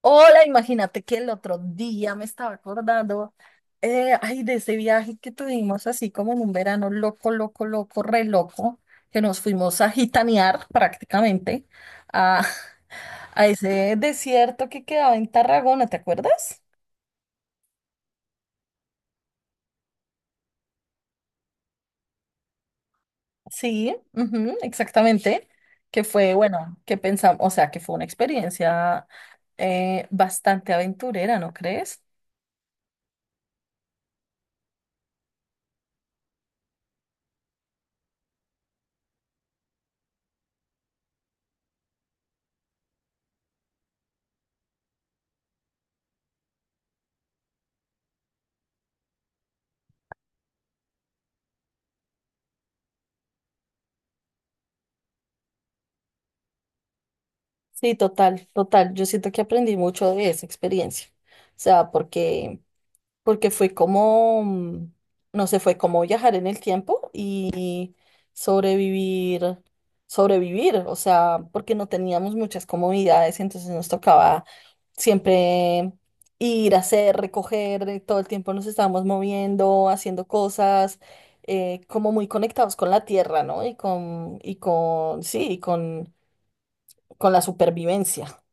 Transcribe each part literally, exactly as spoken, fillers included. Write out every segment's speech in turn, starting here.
Hola, imagínate que el otro día me estaba acordando, eh, ay, de ese viaje que tuvimos así como en un verano loco, loco, loco, re loco, que nos fuimos a gitanear prácticamente a, a ese desierto que quedaba en Tarragona, ¿te acuerdas? Sí, ujú, exactamente, que fue, bueno, que pensamos, o sea, que fue una experiencia eh, bastante aventurera, ¿no crees? Sí, total, total. Yo siento que aprendí mucho de esa experiencia. O sea, porque, porque fue como, mm, no sé, fue como viajar en el tiempo y sobrevivir, sobrevivir. O sea, porque no teníamos muchas comodidades, entonces nos tocaba siempre ir a hacer, recoger, eh, todo el tiempo nos estábamos moviendo, haciendo cosas, eh, como muy conectados con la tierra, ¿no? Y con, y con, sí, y con, con la supervivencia.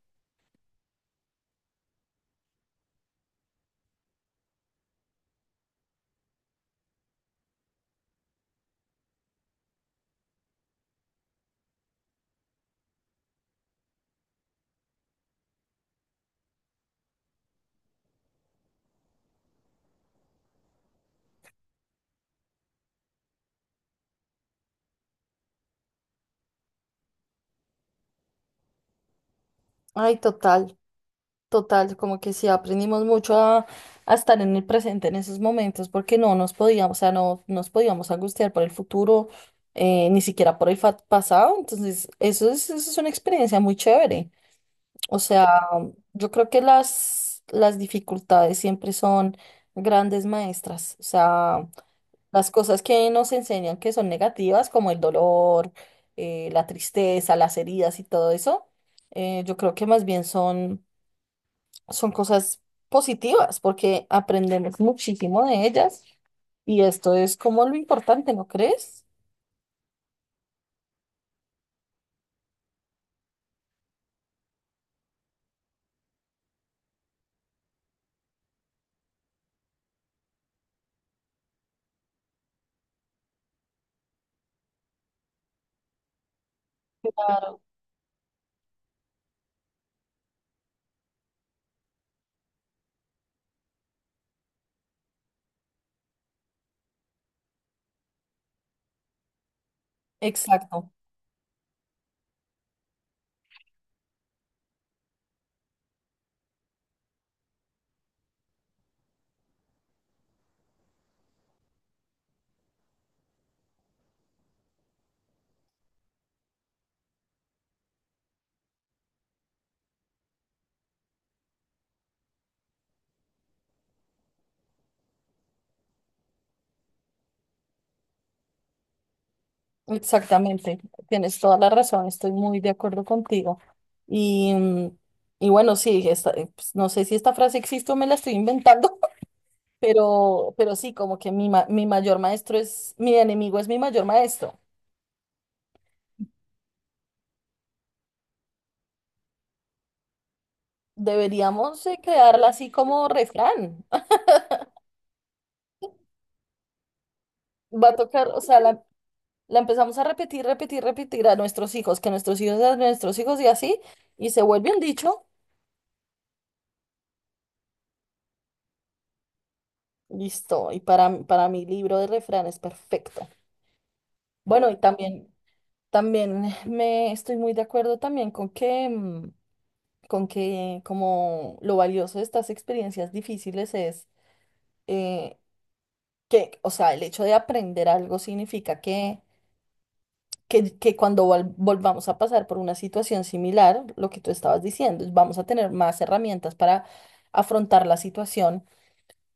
Ay, total, total, como que sí aprendimos mucho a, a estar en el presente en esos momentos, porque no nos podíamos, o sea, no nos podíamos angustiar por el futuro, eh, ni siquiera por el fa- pasado, entonces eso es, eso es una experiencia muy chévere. O sea, yo creo que las, las dificultades siempre son grandes maestras, o sea, las cosas que nos enseñan que son negativas, como el dolor, eh, la tristeza, las heridas y todo eso, eh, yo creo que más bien son son cosas positivas porque aprendemos muchísimo de ellas y esto es como lo importante, ¿no crees? Exacto, exactamente. Tienes toda la razón, estoy muy de acuerdo contigo. Y, mm, y bueno, sí, esta- eh, pues, no sé si esta frase existe o me la estoy inventando, pero, pero sí, como que mi, ma- mi mayor maestro es, mi enemigo es mi mayor maestro. Deberíamos eh, quedarla así como refrán. Va a tocar, o sea, la- la empezamos a repetir, repetir, repetir a nuestros hijos, que nuestros hijos, a nuestros hijos y así, y se vuelve un dicho. Listo. Y para, para mi libro de refranes, perfecto. Bueno, y también, también me estoy muy de acuerdo también con que, mm, con que como lo valioso de estas experiencias difíciles es eh, que, o sea, el hecho de aprender algo significa que que, que cuando vol- volvamos a pasar por una situación similar, lo que tú estabas diciendo, vamos a tener más herramientas para afrontar la situación,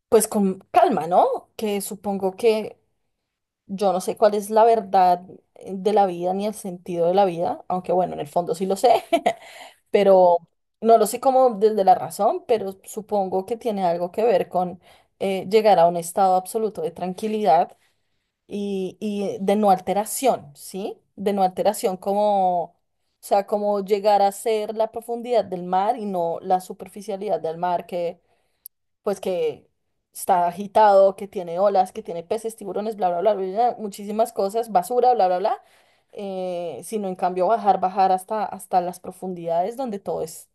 pues con calma, ¿no? Que supongo que yo no sé cuál es la verdad de la vida ni el sentido de la vida, aunque bueno, en el fondo sí lo sé, pero no lo sé como desde la razón, pero supongo que tiene algo que ver con eh, llegar a un estado absoluto de tranquilidad y, y de no alteración, ¿sí? De no alteración, como, o sea, como llegar a ser la profundidad del mar y no la superficialidad del mar que, pues, que está agitado, que tiene olas, que tiene peces, tiburones, bla, bla, bla, bla, bla, muchísimas cosas, basura, bla, bla, bla, eh, sino en cambio bajar, bajar hasta, hasta las profundidades donde todo es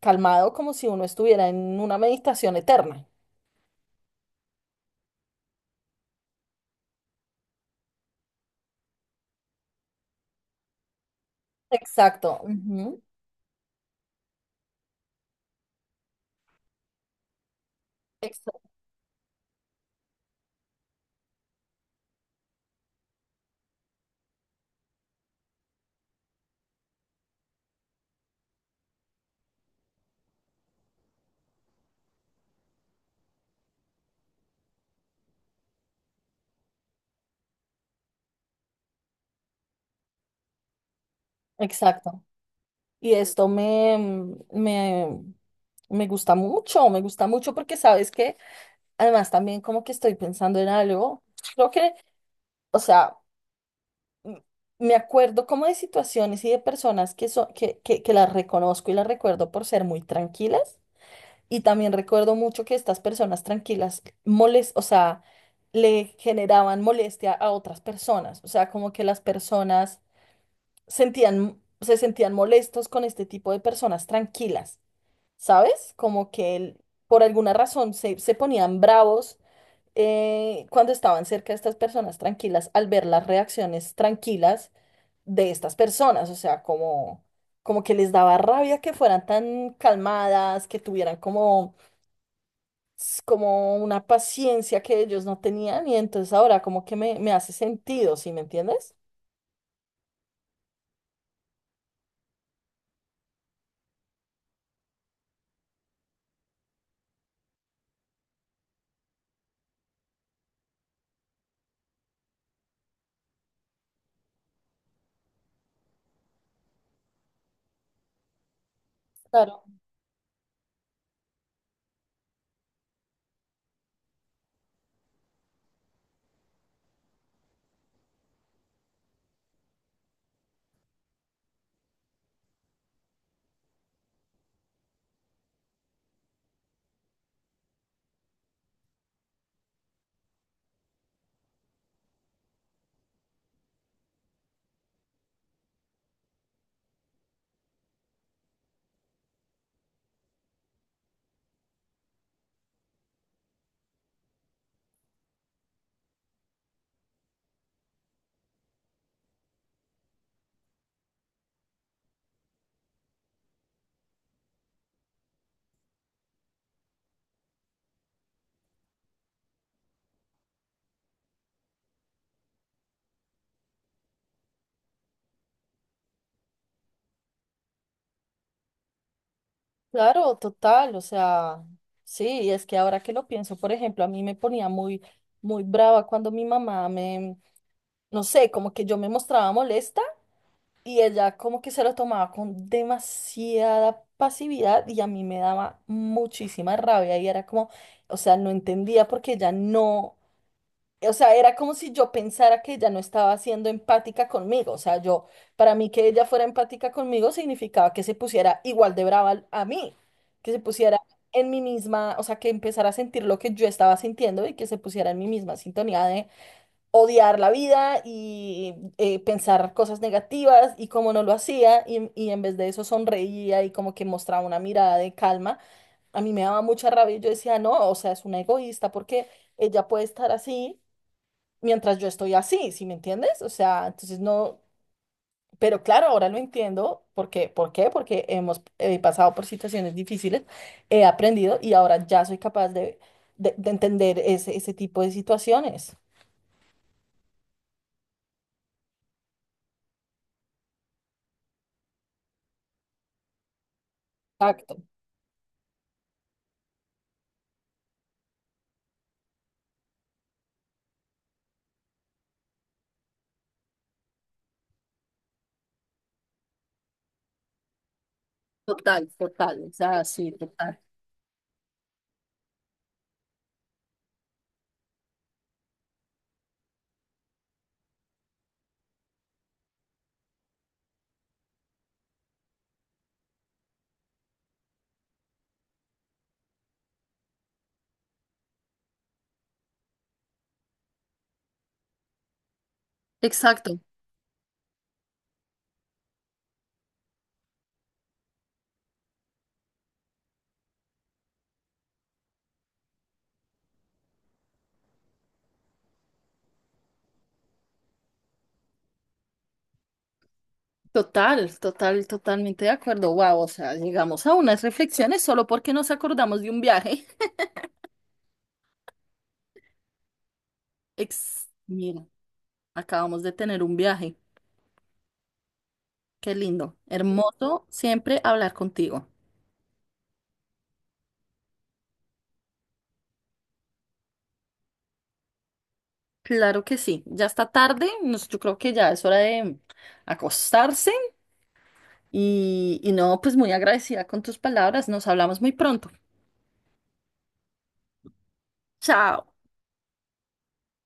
calmado, como si uno estuviera en una meditación eterna. Exacto. Ujú, exa- exacto. Y esto me, me, me gusta mucho, me gusta mucho porque sabes que además también como que estoy pensando en algo, creo que, o sea, m- me acuerdo como de situaciones y de personas que, son, que, que, que las reconozco y las recuerdo por ser muy tranquilas y también recuerdo mucho que estas personas tranquilas molest, o sea, le generaban molestia a otras personas, o sea, como que las personas sentían, se sentían molestos con este tipo de personas tranquilas. ¿Sabes? Como que él, por alguna razón se, se ponían bravos eh, cuando estaban cerca de estas personas tranquilas al ver las reacciones tranquilas de estas personas, o sea, como, como que les daba rabia que fueran tan calmadas, que tuvieran como, s- como una paciencia que ellos no tenían y entonces ahora como que me, me hace sentido, ¿sí me entiendes? Claro. Claro, total, o sea, sí, y es que ahora que lo pienso, por ejemplo, a mí me ponía muy, muy brava cuando mi mamá me, no sé, como que yo me mostraba molesta y ella como que se lo tomaba con demasiada pasividad y a mí me daba muchísima rabia y era como, o sea, no entendía porque ella no o sea, era como si yo pensara que ella no estaba siendo empática conmigo. O sea, yo, para mí que ella fuera empática conmigo significaba que se pusiera igual de brava al- a mí, que se pusiera en mi misma, o sea, que empezara a sentir lo que yo estaba sintiendo y que se pusiera en mi misma sintonía de odiar la vida y eh, pensar cosas negativas y como no lo hacía y, y en vez de eso sonreía y como que mostraba una mirada de calma. A mí me daba mucha rabia y yo decía, no, o sea, es una egoísta porque ella puede estar así mientras yo estoy así, ¿sí me entiendes? O sea, entonces no, pero claro, ahora lo entiendo, ¿por qué? ¿Por qué? Porque hemos eh, pasado por situaciones difíciles, he aprendido y ahora ya soy capaz de, de, de entender ese, ese tipo de situaciones. Exacto. Exacto, total, total, totalmente de acuerdo. Wow, o sea, llegamos a unas reflexiones solo porque nos acordamos de un viaje. Ex, mira, acabamos de tener un viaje. Qué lindo, hermoso siempre hablar contigo. Claro que sí, ya está tarde, nos- yo creo que ya es hora de acostarse y, y no, pues muy agradecida con tus palabras, nos hablamos muy pronto. Chao.